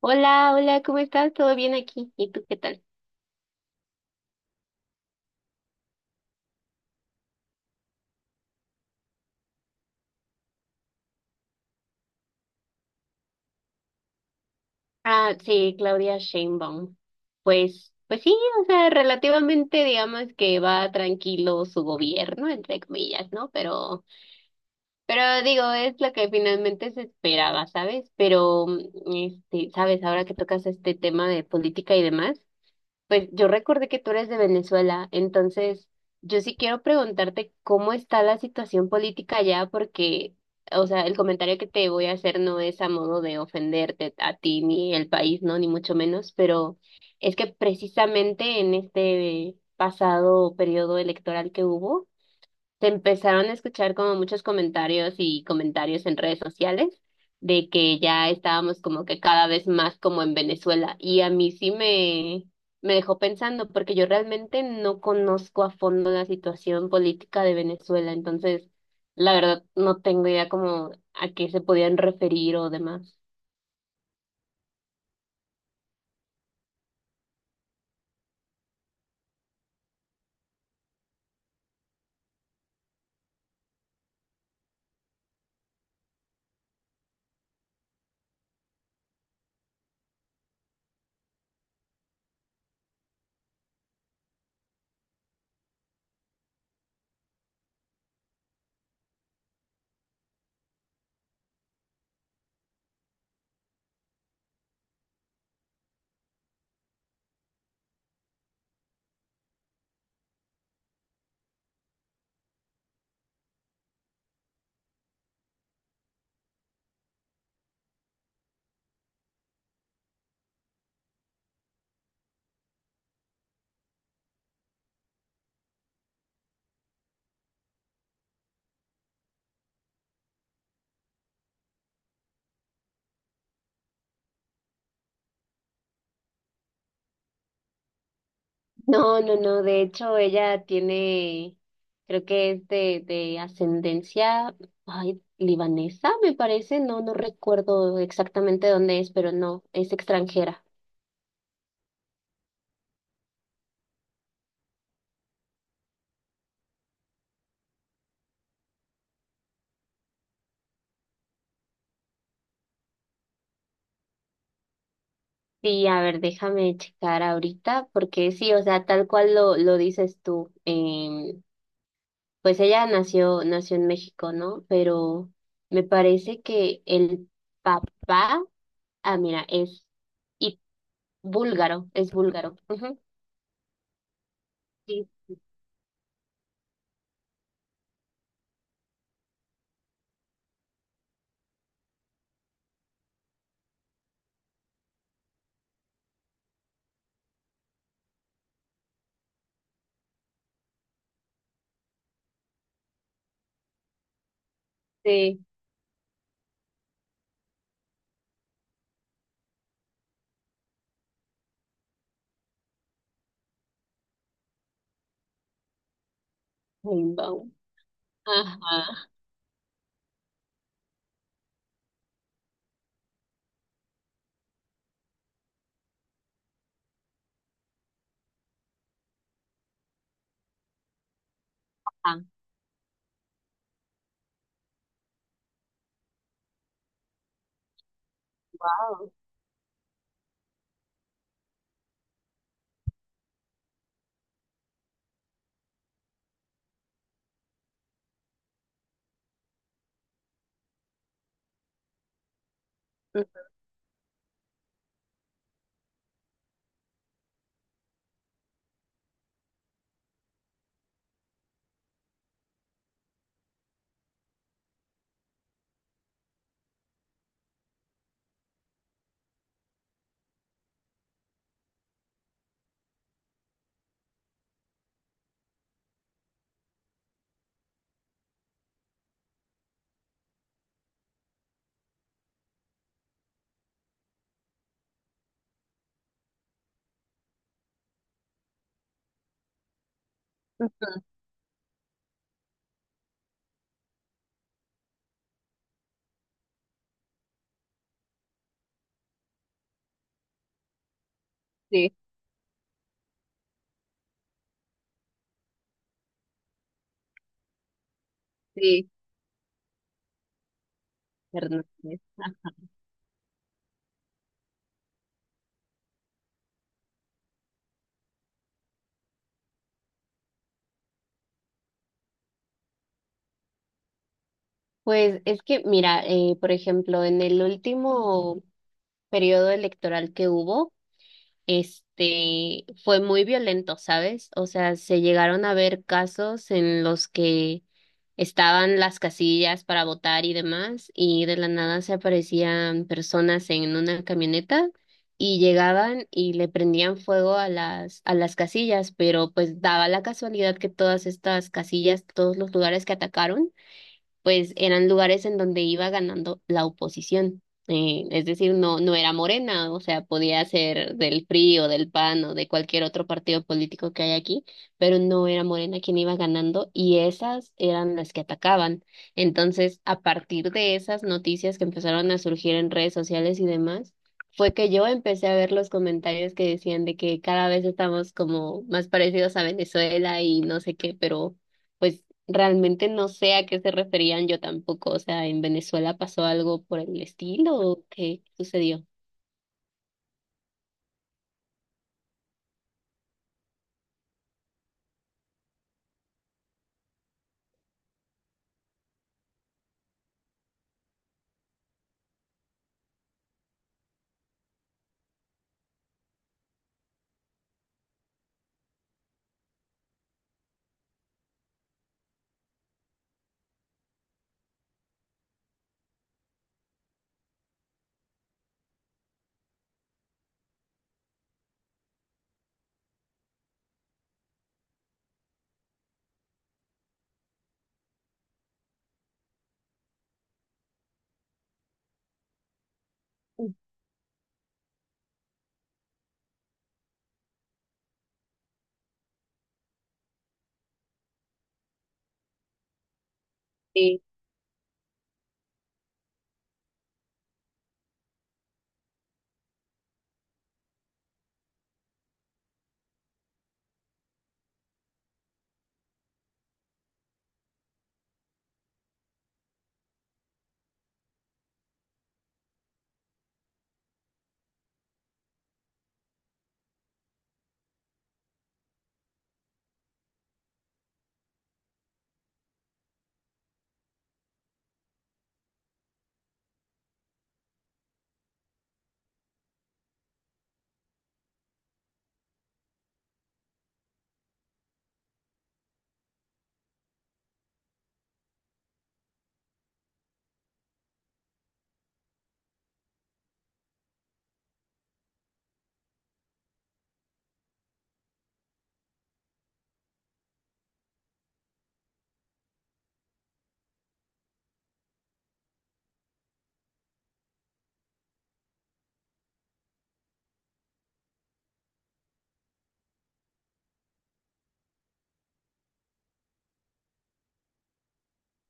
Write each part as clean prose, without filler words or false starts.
Hola, hola, ¿cómo estás? ¿Todo bien aquí? ¿Y tú qué tal? Ah, sí, Claudia Sheinbaum. Pues sí, o sea, relativamente digamos que va tranquilo su gobierno, entre comillas, ¿no? Pero digo, es lo que finalmente se esperaba, ¿sabes? Pero, este, ¿sabes? Ahora que tocas este tema de política y demás. Pues yo recordé que tú eres de Venezuela, entonces yo sí quiero preguntarte cómo está la situación política allá, porque, o sea, el comentario que te voy a hacer no es a modo de ofenderte a ti ni el país, ¿no? Ni mucho menos, pero es que precisamente en este pasado periodo electoral que hubo, se empezaron a escuchar como muchos comentarios y comentarios en redes sociales de que ya estábamos como que cada vez más como en Venezuela y a mí sí me dejó pensando porque yo realmente no conozco a fondo la situación política de Venezuela, entonces la verdad no tengo idea como a qué se podían referir o demás. No, no, no, de hecho ella tiene, creo que es de ascendencia, ay, libanesa, me parece, no, no recuerdo exactamente dónde es, pero no, es extranjera. Sí, a ver, déjame checar ahorita, porque sí, o sea, tal cual lo dices tú, pues ella nació en México, ¿no? Pero me parece que el papá, ah, mira, es y búlgaro, es búlgaro. Ujú. Sí, sí. Ajá. Ah, wow. Sí, sí, Hernández. Pues es que, mira, por ejemplo, en el último periodo electoral que hubo, este, fue muy violento, ¿sabes? O sea, se llegaron a ver casos en los que estaban las casillas para votar y demás, y de la nada se aparecían personas en una camioneta y llegaban y le prendían fuego a las casillas, pero pues daba la casualidad que todas estas casillas, todos los lugares que atacaron, pues eran lugares en donde iba ganando la oposición. Es decir, no, no era Morena, o sea, podía ser del PRI o del PAN o de cualquier otro partido político que hay aquí, pero no era Morena quien iba ganando y esas eran las que atacaban. Entonces, a partir de esas noticias que empezaron a surgir en redes sociales y demás, fue que yo empecé a ver los comentarios que decían de que cada vez estamos como más parecidos a Venezuela y no sé qué, pero pues realmente no sé a qué se referían yo tampoco. O sea, ¿en Venezuela pasó algo por el estilo o qué sucedió? Sí,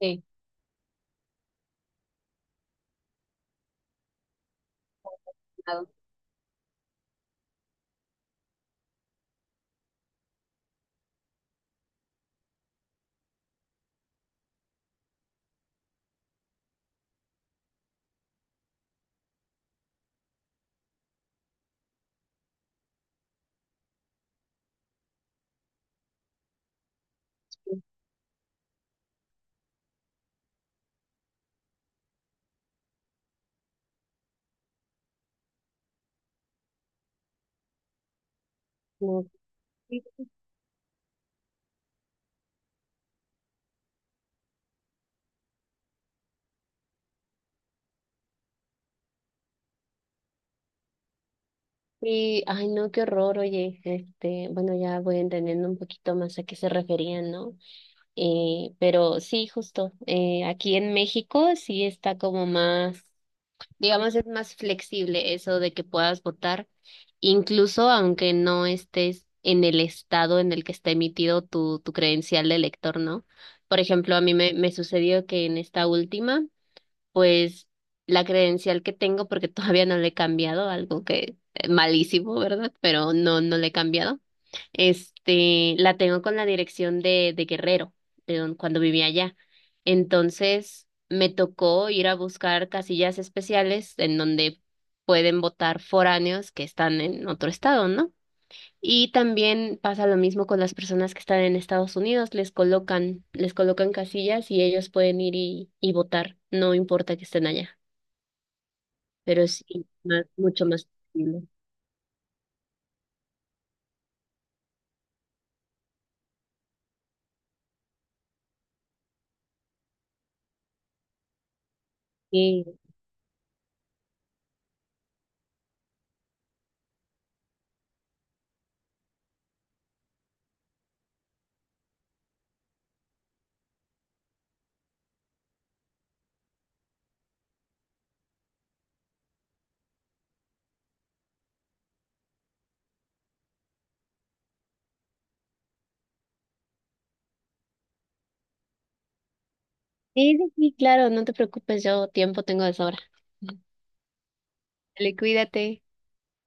sí. Ah, no. Sí, sí, ay no, qué horror, oye, este, bueno, ya voy entendiendo un poquito más a qué se referían, ¿no? Pero sí, justo, aquí en México sí está como más, digamos, es más flexible eso de que puedas votar, incluso aunque no estés en el estado en el que está emitido tu credencial de elector, ¿no? Por ejemplo, a mí me sucedió que en esta última, pues la credencial que tengo, porque todavía no le he cambiado, algo que malísimo, ¿verdad? Pero no, no le he cambiado este, la tengo con la dirección de Guerrero, de don- cuando vivía allá. Entonces, me tocó ir a buscar casillas especiales en donde pueden votar foráneos que están en otro estado, ¿no? Y también pasa lo mismo con las personas que están en Estados Unidos, les colocan casillas y ellos pueden ir y votar, no importa que estén allá, pero es más- mucho más flexible. Sí, sí, sí, sí, claro, no te preocupes, yo tiempo tengo de sobra. Dale, cuídate.